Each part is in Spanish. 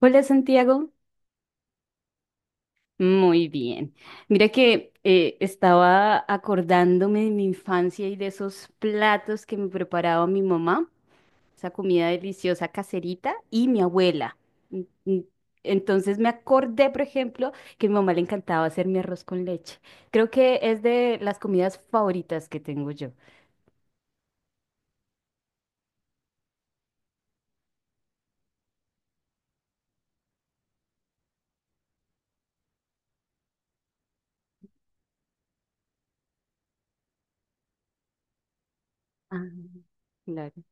Hola Santiago, muy bien. Mira que estaba acordándome de mi infancia y de esos platos que me preparaba mi mamá, esa comida deliciosa caserita y mi abuela. Mm, mm, Entonces me acordé, por ejemplo, que a mi mamá le encantaba hacer mi arroz con leche. Creo que es de las comidas favoritas que tengo yo. Ah, claro.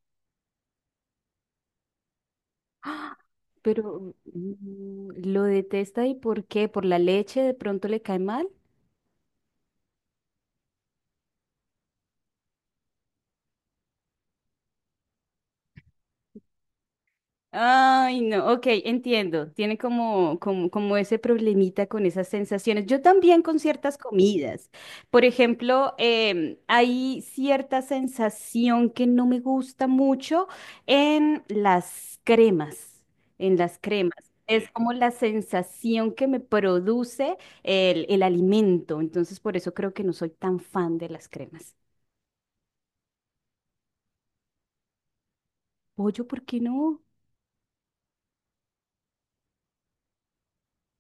¡Ah! Pero lo detesta, ¿y por qué? ¿Por la leche de pronto le cae mal? Ay, no, ok, entiendo. Tiene como ese problemita con esas sensaciones. Yo también con ciertas comidas. Por ejemplo, hay cierta sensación que no me gusta mucho en las cremas, en las cremas. Es como la sensación que me produce el alimento. Entonces, por eso creo que no soy tan fan de las cremas. Pollo, ¿por qué no?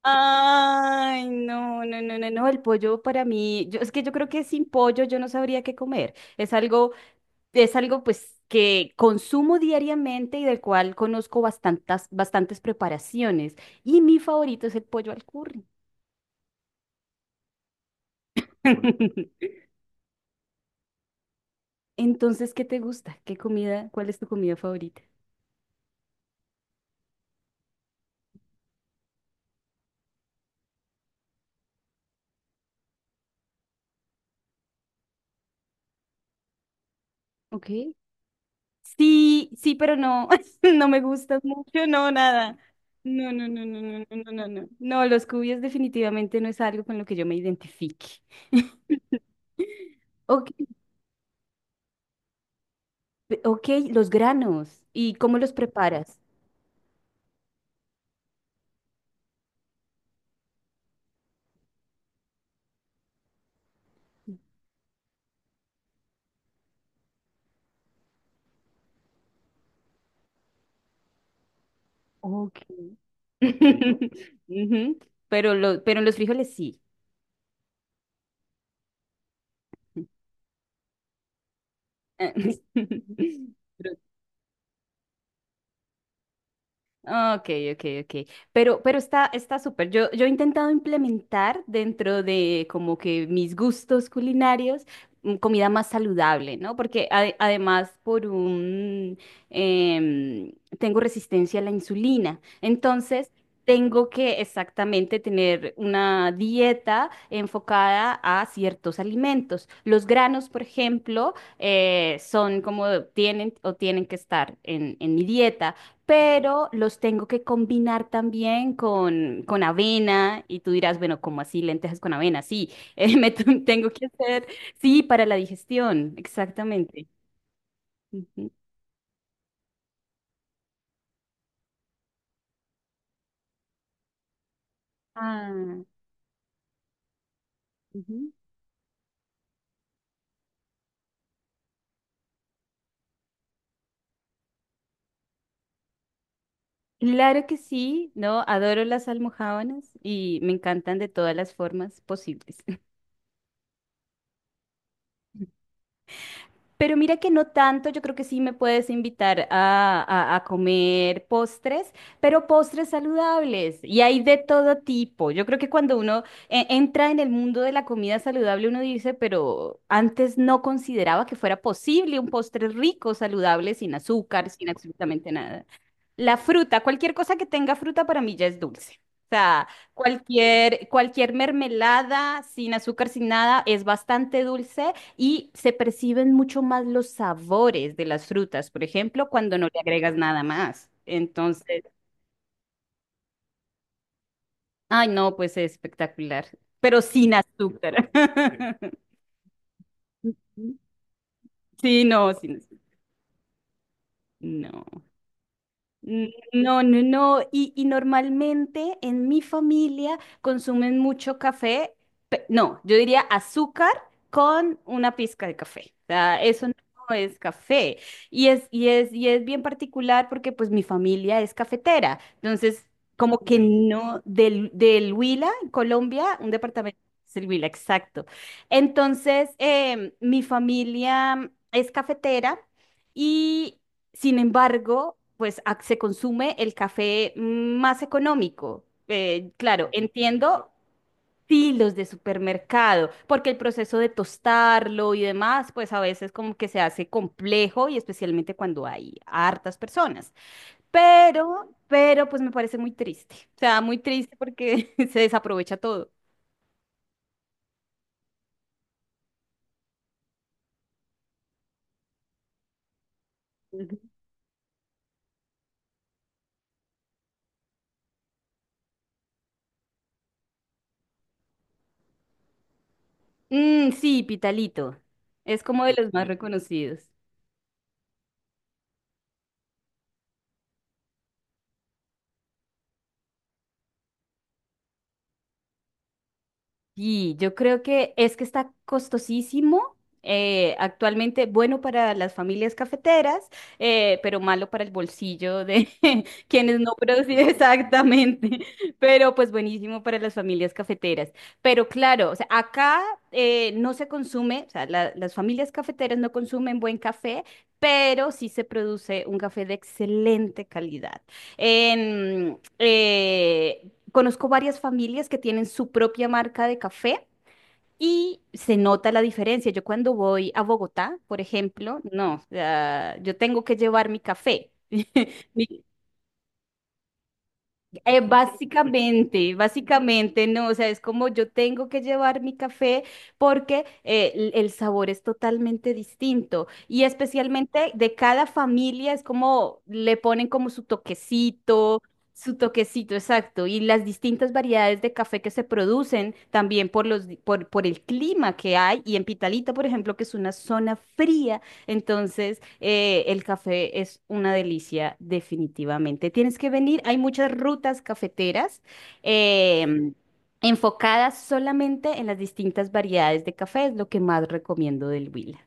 Ay, no, no, no, no, no, el pollo para mí, yo, es que yo creo que sin pollo yo no sabría qué comer. Es algo pues que consumo diariamente y del cual conozco bastantes, bastantes preparaciones. Y mi favorito es el pollo al curry. Entonces, ¿qué te gusta? ¿Qué comida? ¿Cuál es tu comida favorita? Ok. Sí, sí, pero no, no me gustas mucho, no, nada. No, no, no, no, no, no, no, no. No, no, los cubios definitivamente no es algo con lo que yo me identifique. Ok, ok, los granos. ¿Y cómo los preparas? Ok. Ujú, pero, pero en los frijoles sí. Pero ok, ok, ok. Pero está, está súper. Yo he intentado implementar dentro de como que mis gustos culinarios comida más saludable, ¿no? Porque además por un em, tengo resistencia a la insulina. Entonces, tengo que exactamente tener una dieta enfocada a ciertos alimentos. Los granos, por ejemplo, son como tienen o tienen que estar en mi dieta, pero los tengo que combinar también con avena, y tú dirás, bueno, ¿cómo así lentejas con avena? Sí, tengo que hacer, sí, para la digestión, exactamente. Ujú. Ah, ujú. Claro que sí, no, adoro las almojábanas y me encantan de todas las formas posibles. Pero mira que no tanto, yo creo que sí me puedes invitar a, a comer postres, pero postres saludables, y hay de todo tipo. Yo creo que cuando uno entra en el mundo de la comida saludable, uno dice, pero antes no consideraba que fuera posible un postre rico, saludable, sin azúcar, sin absolutamente nada. La fruta, cualquier cosa que tenga fruta para mí ya es dulce. O sea, cualquier, cualquier mermelada sin azúcar, sin nada, es bastante dulce y se perciben mucho más los sabores de las frutas, por ejemplo, cuando no le agregas nada más. Entonces, ay, no, pues es espectacular, pero sin azúcar. Sí, no, sin azúcar. No. No, no, no. Y normalmente en mi familia consumen mucho café. No, yo diría azúcar con una pizca de café. O sea, eso no es café. Y es, y es, y es bien particular porque pues mi familia es cafetera. Entonces, como que no, del Huila, en Colombia, un departamento es el Huila, exacto. Entonces, mi familia es cafetera. Y sin embargo, pues se consume el café más económico. Claro, entiendo, sí, los de supermercado, porque el proceso de tostarlo y demás, pues a veces como que se hace complejo y especialmente cuando hay hartas personas. Pero pues me parece muy triste. O sea, muy triste porque se desaprovecha todo. Ujú. Mm, sí, Pitalito. Es como de los más sí reconocidos. Y yo creo que es que está costosísimo actualmente, bueno, para las familias cafeteras, pero malo para el bolsillo de quienes no producen exactamente, pero pues buenísimo para las familias cafeteras. Pero claro, o sea, acá no se consume, o sea, las familias cafeteras no consumen buen café, pero sí se produce un café de excelente calidad. En, conozco varias familias que tienen su propia marca de café y se nota la diferencia. Yo cuando voy a Bogotá, por ejemplo, no, o sea, yo tengo que llevar mi café. Mi básicamente, básicamente, no, o sea, es como yo tengo que llevar mi café porque el sabor es totalmente distinto, y especialmente de cada familia es como le ponen como su toquecito, exacto, y las distintas variedades de café que se producen también por los, por el clima que hay, y en Pitalita, por ejemplo, que es una zona fría, entonces, el café es una delicia definitivamente. Tienes que venir, hay muchas rutas cafeteras. em, Enfocadas solamente en las distintas variedades de café, es lo que más recomiendo del Huila.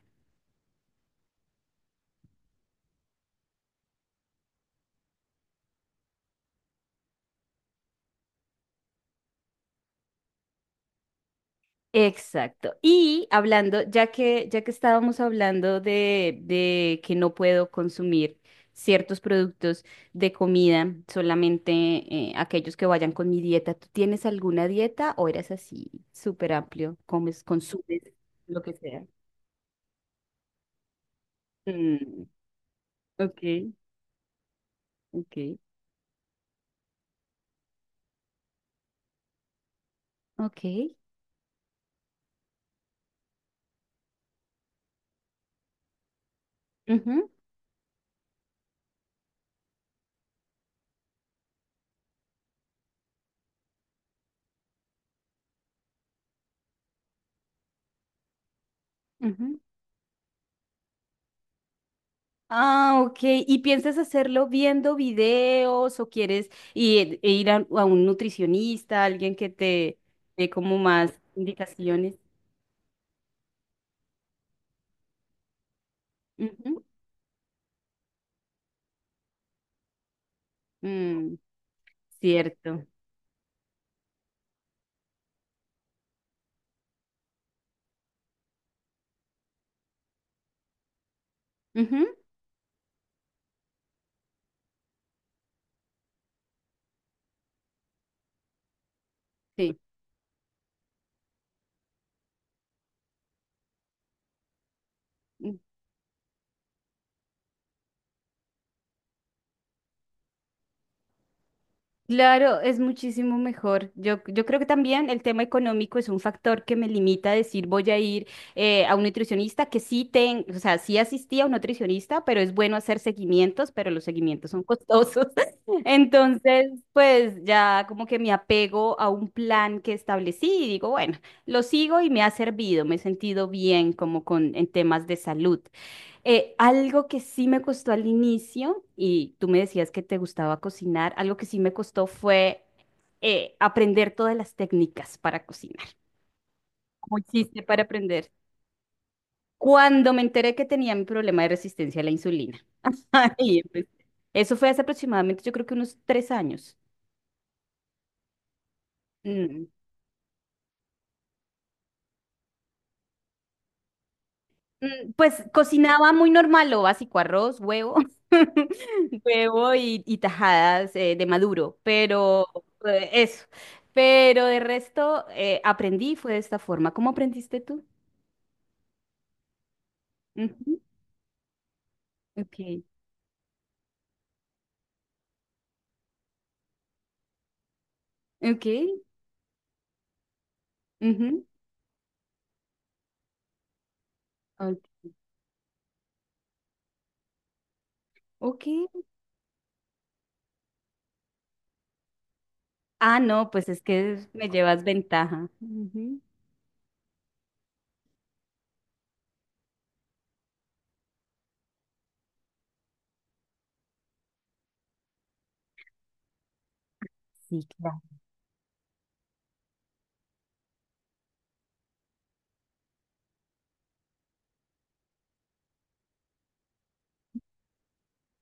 Exacto. Y hablando, ya que estábamos hablando de que no puedo consumir ciertos productos de comida, solamente aquellos que vayan con mi dieta, ¿tú tienes alguna dieta o eres así súper amplio? ¿Comes, consumes lo que sea? Mm, ok, ok, ok. Ujú, ujú. Ah, ok. ¿Y piensas hacerlo viendo videos o quieres ir, ir a un nutricionista, alguien que te dé como más indicaciones? Ujú. Mm, cierto. Ujú, sí. Claro, es muchísimo mejor. Yo creo que también el tema económico es un factor que me limita a decir voy a ir a un nutricionista que sí ten, o sea, sí asistí a un nutricionista, pero es bueno hacer seguimientos, pero los seguimientos son costosos. Entonces, pues ya como que me apego a un plan que establecí y digo, bueno, lo sigo y me ha servido, me he sentido bien como con en temas de salud. Algo que sí me costó al inicio, y tú me decías que te gustaba cocinar, algo que sí me costó fue aprender todas las técnicas para cocinar. ¿Cómo hiciste para aprender? Cuando me enteré que tenía mi problema de resistencia a la insulina. Ahí empecé. Eso fue hace aproximadamente, yo creo que unos tres años. Mm, pues cocinaba muy normal, lo básico, arroz, huevo, huevo y tajadas de maduro, pero eso. Pero de resto aprendí, fue de esta forma. ¿Cómo aprendiste tú? Ujú, ok, ok, ujú, ok. Ok. Ah, no, pues es que me llevas ventaja. Ujú. Sí, claro.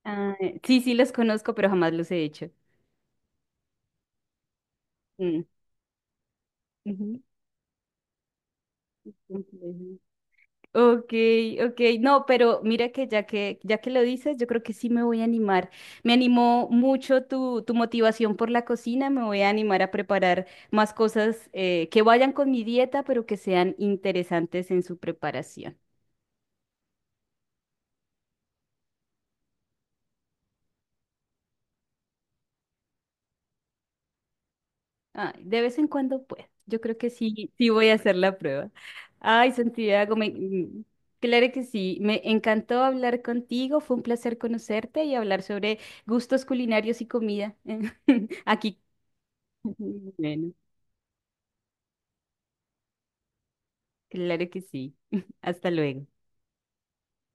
Ah, sí, sí los conozco, pero jamás los he hecho. Mm, ujú, ok. Ok, ok, no, pero mira que ya que lo dices, yo creo que sí me voy a animar. Me animó mucho tu, tu motivación por la cocina, me voy a animar a preparar más cosas que vayan con mi dieta, pero que sean interesantes en su preparación. Ay, de vez en cuando, pues, yo creo que sí, sí voy a hacer la prueba. Ay, Santiago, me, claro que sí, me encantó hablar contigo, fue un placer conocerte y hablar sobre gustos culinarios y comida. Aquí bueno, claro que sí. Hasta luego.